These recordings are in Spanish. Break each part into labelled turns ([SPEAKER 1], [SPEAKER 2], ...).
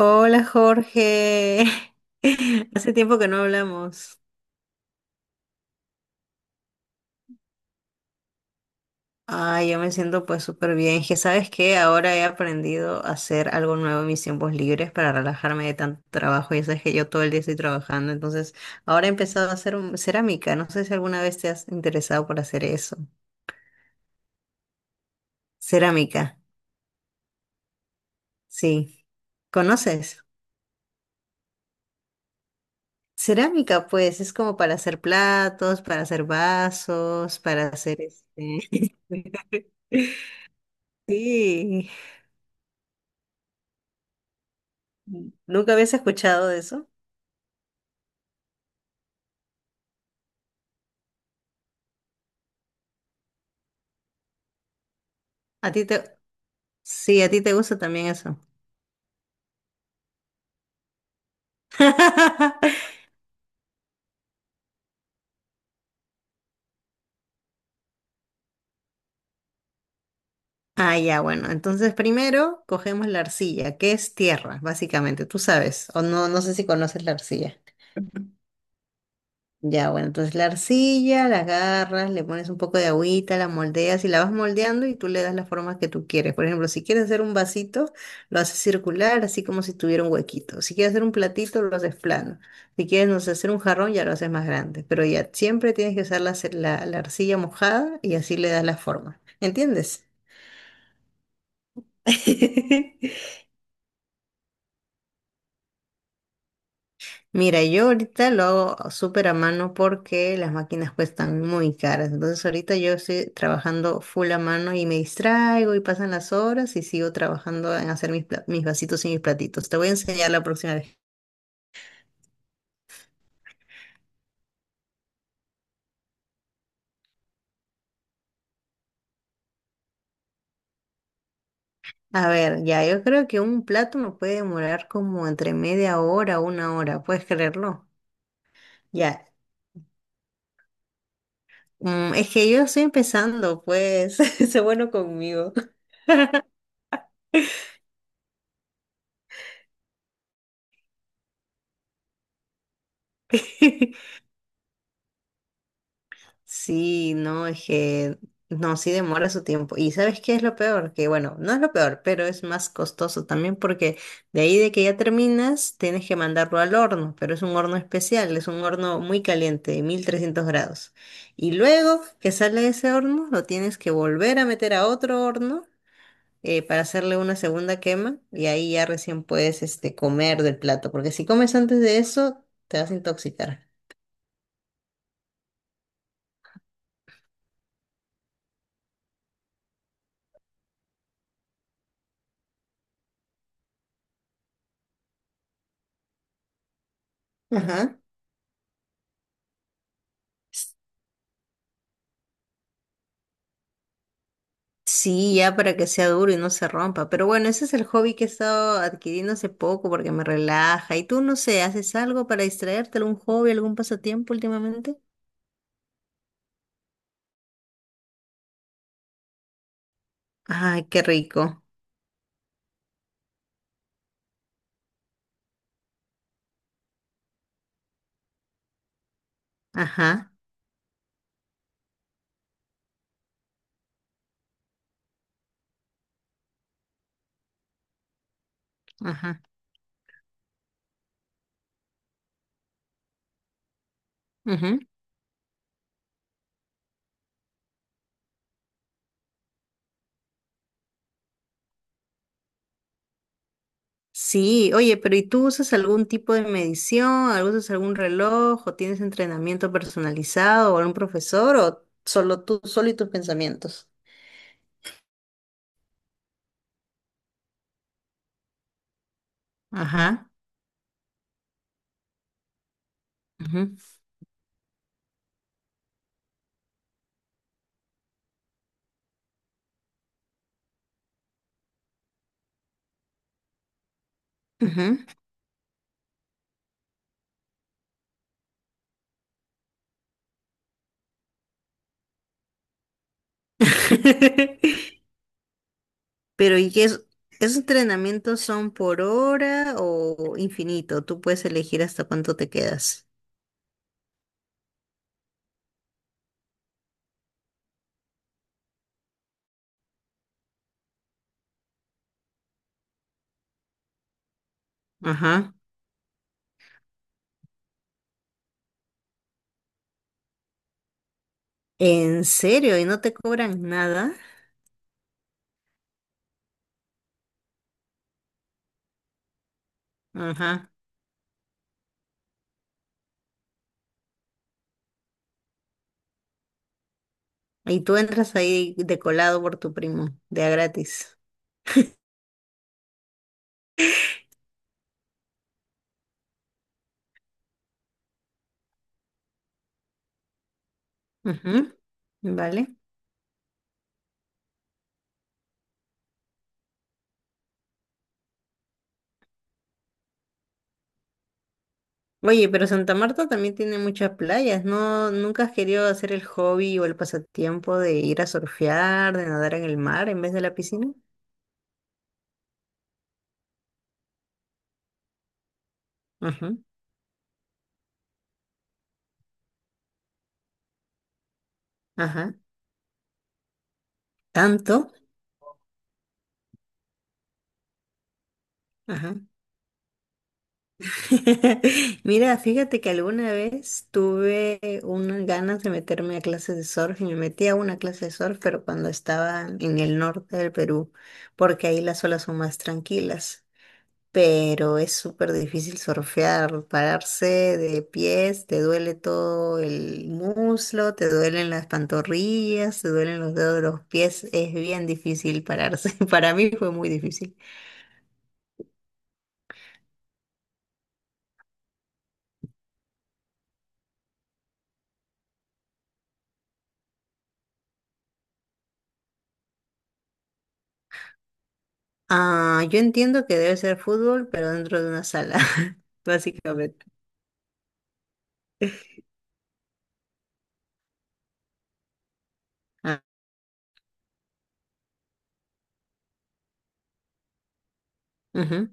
[SPEAKER 1] Hola, Jorge, hace tiempo que no hablamos. Ay, yo me siento pues súper bien. Que sabes que ahora he aprendido a hacer algo nuevo en mis tiempos libres para relajarme de tanto trabajo. Ya sabes que yo todo el día estoy trabajando, entonces ahora he empezado a hacer cerámica. No sé si alguna vez te has interesado por hacer eso. Cerámica, sí. ¿Conoces? Cerámica, pues es como para hacer platos, para hacer vasos, para hacer este. Sí. Nunca habías escuchado de eso. A ti te... Sí, a ti te gusta también eso. Ah, ya, bueno. Entonces primero cogemos la arcilla, que es tierra, básicamente. Tú sabes, o no, no sé si conoces la arcilla. Ya, bueno, entonces la arcilla, la agarras, le pones un poco de agüita, la moldeas y la vas moldeando y tú le das las formas que tú quieres. Por ejemplo, si quieres hacer un vasito, lo haces circular, así como si tuviera un huequito. Si quieres hacer un platito, lo haces plano. Si quieres, no sé, hacer un jarrón, ya lo haces más grande. Pero ya siempre tienes que usar la, ce- la la arcilla mojada y así le das la forma. ¿Entiendes? Mira, yo ahorita lo hago súper a mano porque las máquinas cuestan muy caras. Entonces ahorita yo estoy trabajando full a mano y me distraigo y pasan las horas y sigo trabajando en hacer mis vasitos y mis platitos. Te voy a enseñar la próxima vez. A ver, ya, yo creo que un plato me puede demorar como entre media hora o una hora, ¿puedes creerlo? Ya, es que yo estoy empezando, pues, sé bueno conmigo. Sí, no, es que no, sí demora su tiempo. ¿Y sabes qué es lo peor? Que bueno, no es lo peor, pero es más costoso también porque de ahí de que ya terminas, tienes que mandarlo al horno, pero es un horno especial, es un horno muy caliente, de 1300 grados. Y luego que sale de ese horno, lo tienes que volver a meter a otro horno para hacerle una segunda quema y ahí ya recién puedes comer del plato, porque si comes antes de eso, te vas a intoxicar. Ajá. Sí, ya para que sea duro y no se rompa. Pero bueno, ese es el hobby que he estado adquiriendo hace poco porque me relaja. ¿Y tú, no sé, haces algo para distraerte? ¿Algún hobby, algún pasatiempo últimamente? Ay, qué rico. Ajá, ajá. Ujú. Sí, oye, pero ¿y tú usas algún tipo de medición? ¿Algo? ¿Usas algún reloj? ¿O tienes entrenamiento personalizado? ¿O algún profesor? ¿O solo tú, solo y tus pensamientos? Ajá. Ujú, ujú. Pero ¿y qué es, esos entrenamientos son por hora o infinito? Tú puedes elegir hasta cuánto te quedas. Ajá. ¿En serio? ¿Y no te cobran nada? Ajá. Y tú entras ahí de colado por tu primo, de a gratis. Ujú. Vale. Oye, pero Santa Marta también tiene muchas playas, ¿no? ¿Nunca has querido hacer el hobby o el pasatiempo de ir a surfear, de nadar en el mar en vez de la piscina? Ajá. Ajá. ¿Tanto? Ajá. Mira, fíjate que alguna vez tuve unas ganas de meterme a clases de surf y me metí a una clase de surf, pero cuando estaba en el norte del Perú, porque ahí las olas son más tranquilas. Pero es súper difícil surfear, pararse de pies, te duele todo el muslo, te duelen las pantorrillas, te duelen los dedos de los pies, es bien difícil pararse. Para mí fue muy difícil. Ah, yo entiendo que debe ser fútbol, pero dentro de una sala, básicamente. Ah, ujú,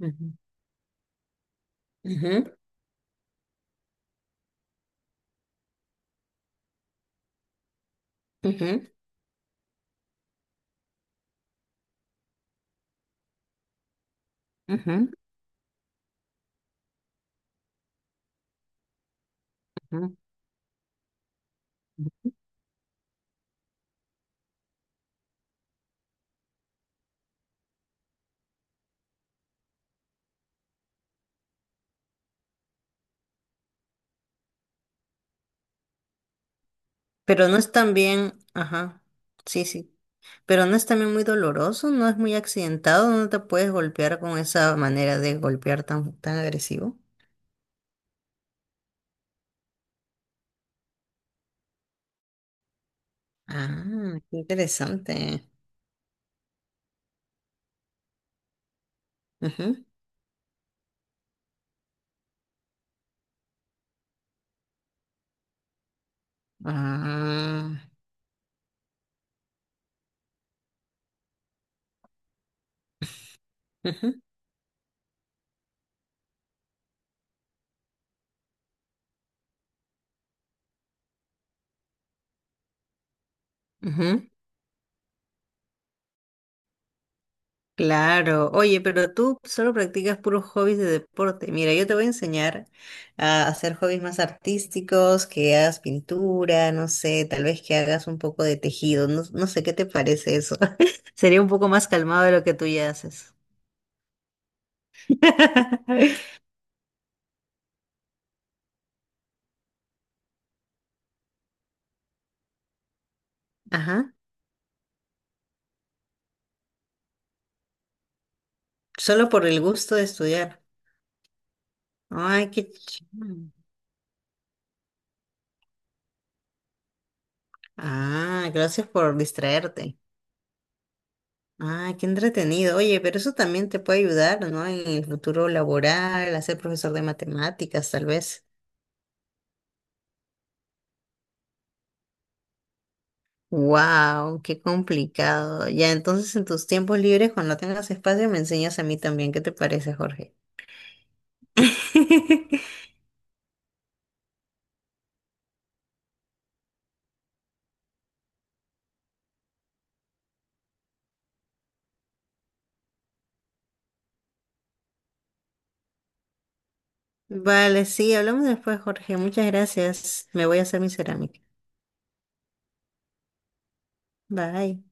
[SPEAKER 1] ujú, ujú, ujú, ujú, ujú. Pero no es también, ajá, sí, sí. Pero no es también muy doloroso, no es muy accidentado, no te puedes golpear con esa manera de golpear tan, tan agresivo. Ah, qué interesante. Ujú. Ah, ujú, ujú. Claro, oye, pero tú solo practicas puros hobbies de deporte. Mira, yo te voy a enseñar a hacer hobbies más artísticos, que hagas pintura, no sé, tal vez que hagas un poco de tejido, no, no sé qué te parece eso. Sería un poco más calmado de lo que tú ya haces. Ajá, solo por el gusto de estudiar. Ay, qué chido. Ah, gracias por distraerte. Ah, qué entretenido. Oye, pero eso también te puede ayudar, ¿no? En el futuro laboral, a ser profesor de matemáticas, tal vez. Wow, qué complicado. Ya, entonces en tus tiempos libres, cuando tengas espacio, me enseñas a mí también. ¿Qué te parece, Jorge? Vale, sí, hablamos después, Jorge. Muchas gracias. Me voy a hacer mi cerámica. Bye.